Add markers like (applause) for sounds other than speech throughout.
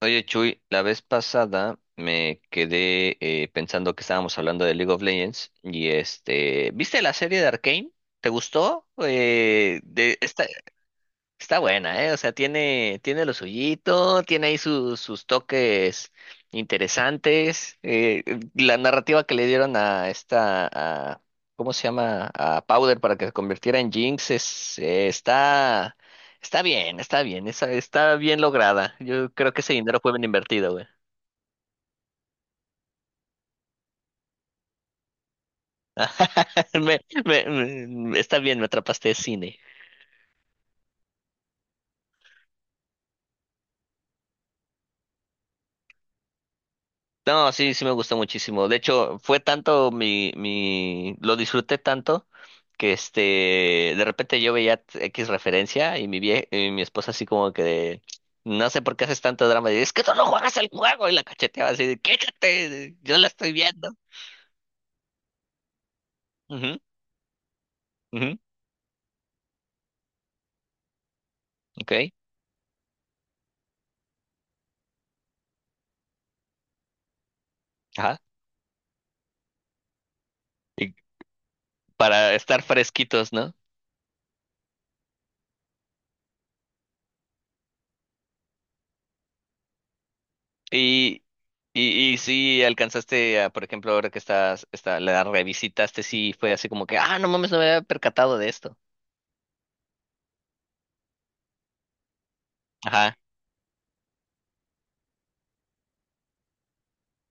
Oye, Chuy, la vez pasada me quedé pensando que estábamos hablando de League of Legends y ¿viste la serie de Arcane? ¿Te gustó? De esta, está buena, ¿eh? O sea, tiene lo suyito, tiene ahí sus toques interesantes. La narrativa que le dieron a ¿cómo se llama? A Powder para que se convirtiera en Jinx está bien lograda. Yo creo que ese dinero fue bien invertido, güey. (laughs) Me, me- está bien, me atrapaste de cine. No, sí, sí me gustó muchísimo. De hecho, fue tanto lo disfruté tanto que de repente yo veía X referencia y y mi esposa así como que de, no sé por qué haces tanto drama. Y es que tú no juegas el juego y la cacheteaba así de, quédate, yo la estoy viendo. Ujú, ujú, ok, ajá. Y para estar fresquitos, ¿no? Y, y sí alcanzaste, por ejemplo, ahora que la revisitaste, sí fue así como que, ah, no mames, no me había percatado de esto. Ajá.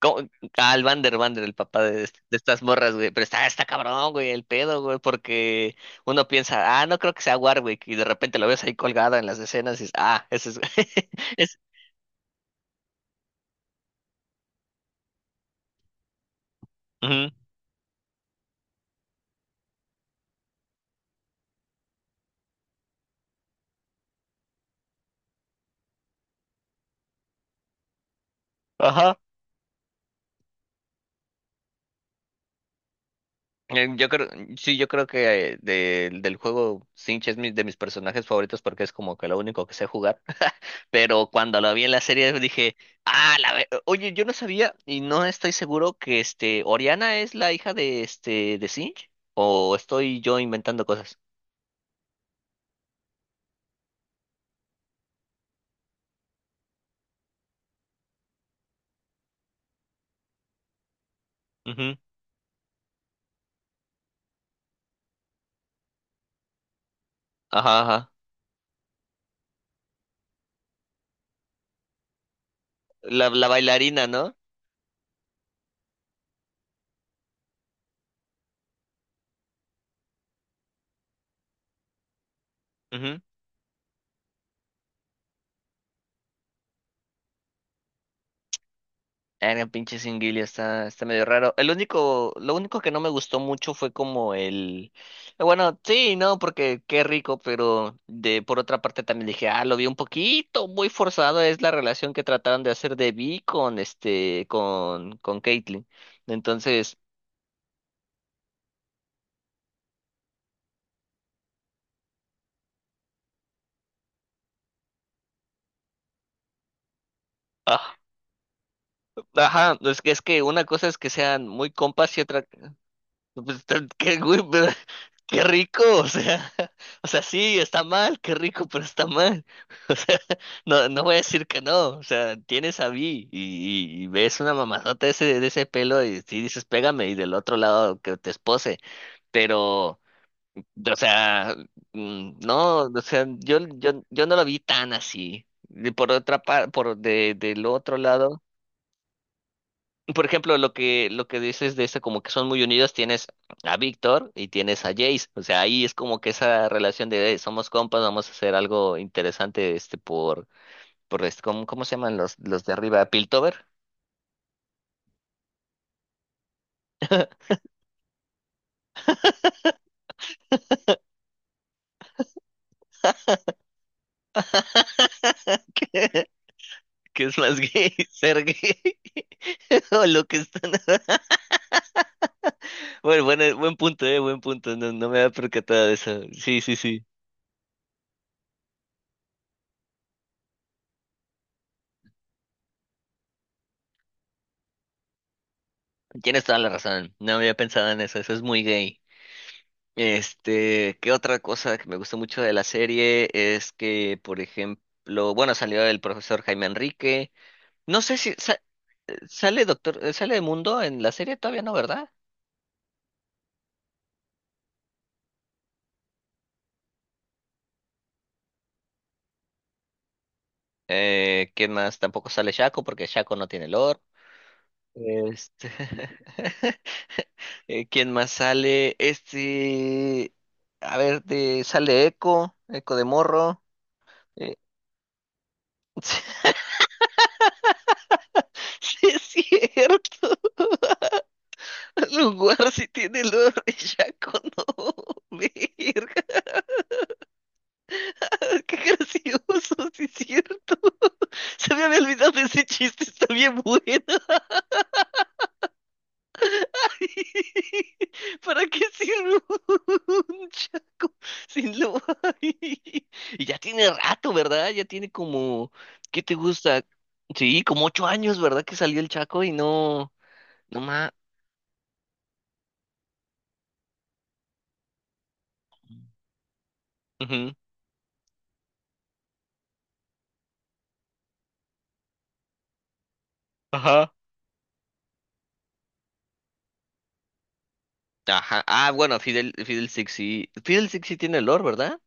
¿Cómo? Al Vander, el papá de estas morras, güey. Pero está cabrón, güey, el pedo, güey, porque uno piensa, ah, no creo que sea Warwick, y de repente lo ves ahí colgada en las escenas y dices, ah, ese es. (laughs) Es... Ujú. Eh, Yo creo, sí, yo creo que del juego Sinch es de mis personajes favoritos porque es como que lo único que sé jugar. (laughs) Pero cuando lo vi en la serie dije, ah, oye, yo no sabía y no estoy seguro que Oriana es la hija de Sinch o estoy yo inventando cosas. Ujú. Ajá, ajá. La bailarina, ¿no? El pinche Singuillo está medio raro. Lo único que no me gustó mucho fue como el, bueno, sí, no, porque qué rico, pero de por otra parte también dije, ah, lo vi un poquito muy forzado, es la relación que trataron de hacer de Vi con con Caitlyn. Entonces, ah, ajá, es que una cosa es que sean muy compas y otra. No, pues, qué, güey, pero (laughs) qué rico, o sea, (laughs) o sea, sí, está mal, qué rico, pero está mal. (laughs) O sea, no, no voy a decir que no, o sea, tienes a Vi y ves una mamazota de ese pelo y sí dices, pégame, y del otro lado que te espose, pero, o sea, no, o sea, yo no lo vi tan así. Y por otra parte, del otro lado. Por ejemplo, lo que dices de esa, como que son muy unidos, tienes a Víctor y tienes a Jace. O sea, ahí es como que esa relación de Somos compas, vamos a hacer algo interesante, por, ¿cómo se llaman los de arriba? ¿Piltover? (laughs) que que es más gay? ¿Ser gay? (laughs) O lo que están. (laughs) Bueno, bueno, buen punto, buen punto. No, no me había percatado de eso. Sí, sí, sí. Tienes toda la razón. No había pensado en eso. Eso es muy gay. ¿Qué otra cosa que me gustó mucho de la serie es que, por ejemplo, bueno, salió el profesor Jaime Enrique? No sé si sale Doctor, sale Mundo en la serie todavía no, ¿verdad? ¿Quién más? Tampoco sale Shaco porque Shaco no tiene lore. Este, (laughs) ¿quién más sale? A ver, sale Echo, Echo de Morro. Eh, (laughs) sí, es cierto. (laughs) Lugar si tiene el olor a bellaco, no. (laughs) Verga, qué gracioso, (laughs) sí es cierto. Se me había olvidado de ese chiste, está bien bueno. (laughs) ¿Para qué sirve un (laughs) chaco sin lo (laughs) Y ya tiene rato, ¿verdad? Ya tiene como, ¿qué te gusta? Sí, como 8 años, ¿verdad? Que salió el chaco y no, no más. Ajá. Ajá. Ah, bueno, Fidel Six sí. Fidel Six sí tiene olor, ¿verdad?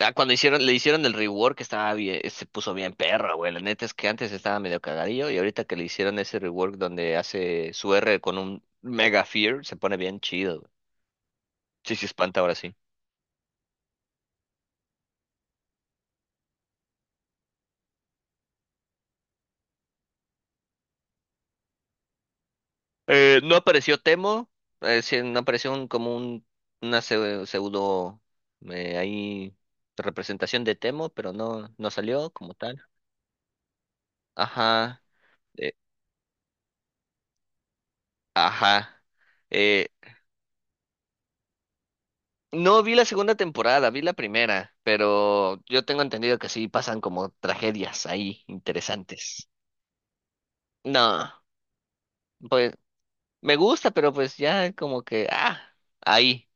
Ah, cuando le hicieron el rework estaba bien, se puso bien perro, güey. La neta es que antes estaba medio cagadillo y ahorita que le hicieron ese rework donde hace su R con un Mega Fear, se pone bien chido, güey. Sí, se espanta ahora sí. No apareció Temo, sí, no apareció como un, una pseudo, ahí representación de Temo, pero no, no salió como tal. Ajá, eh, ajá. No vi la segunda temporada, vi la primera, pero yo tengo entendido que sí pasan como tragedias ahí interesantes. No, pues me gusta, pero pues ya como que, ah, ahí,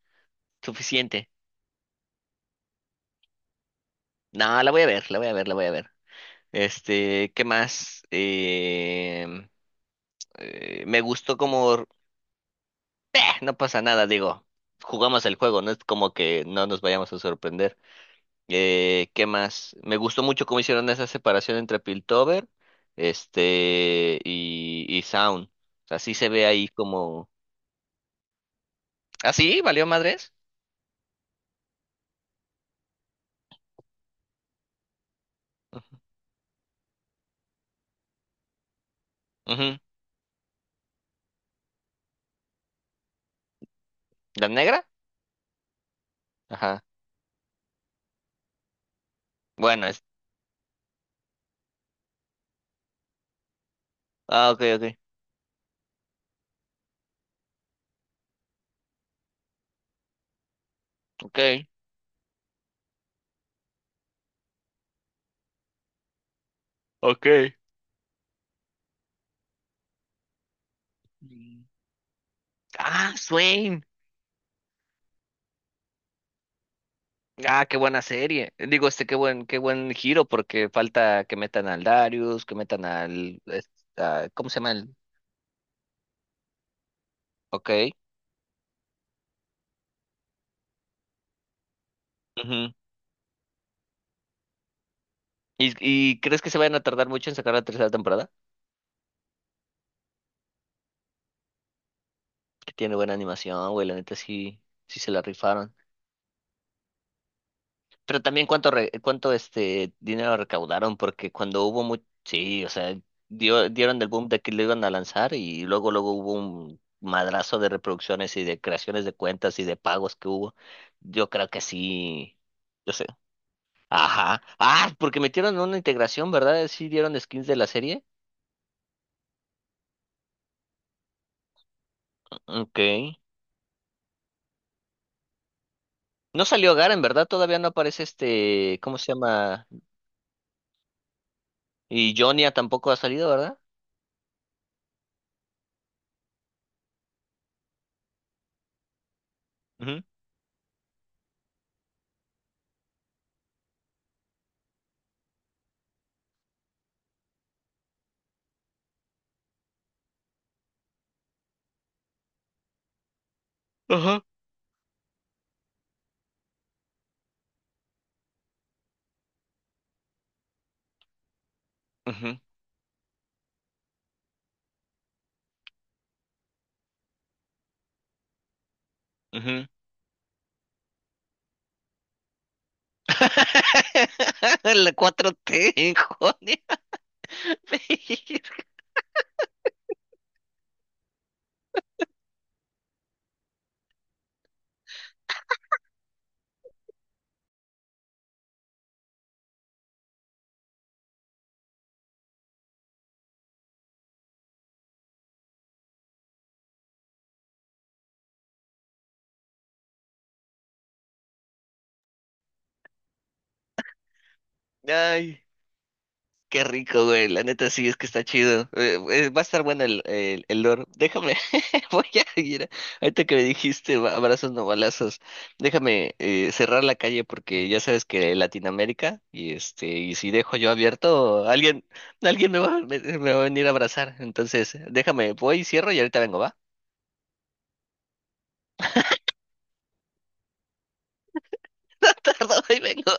suficiente. No, la voy a ver, la voy a ver, la voy a ver. ¿Qué más? Me gustó como, No pasa nada, digo, jugamos el juego, no es como que no nos vayamos a sorprender. ¿Qué más? Me gustó mucho cómo hicieron esa separación entre Piltover, y Sound. O sea, sí se ve ahí como... ¿Ah, sí? ¿Valió madres? Ujú. ¿La negra? Ajá. Bueno, es... Ah, ok, ok. Ok. Ok. Mm. Ah, Swain. Ah, qué buena serie. Digo, qué buen giro, porque falta que metan al Darius, que metan al... ¿cómo se llama el...? Ok. Ujú. ¿Y crees que se vayan a tardar mucho en sacar la tercera temporada? Que tiene buena animación, güey, la neta sí, sí se la rifaron. Pero también cuánto dinero recaudaron, porque cuando hubo sí, o sea, dieron el boom de que lo iban a lanzar y luego, hubo un madrazo de reproducciones y de creaciones de cuentas y de pagos que hubo. Yo creo que sí, yo sé. Ajá. Ah, porque metieron una integración, ¿verdad? Sí dieron skins de la serie. Ok. No salió Garen, ¿verdad? Todavía no aparece ¿cómo se llama? Y Jonia tampoco ha salido, ¿verdad? Ajá. Ujú, ujú. (laughs) La 4T joder. (laughs) Ay, qué rico, güey. La neta sí es que está chido. Va a estar bueno el lore. Déjame, (laughs) voy a ir. Ahorita que me dijiste abrazos no balazos, déjame cerrar la calle porque ya sabes que Latinoamérica y y si dejo yo abierto, alguien me va a venir a abrazar. Entonces, déjame, voy, cierro y ahorita vengo, ¿va? (laughs) No tardo, ahí vengo.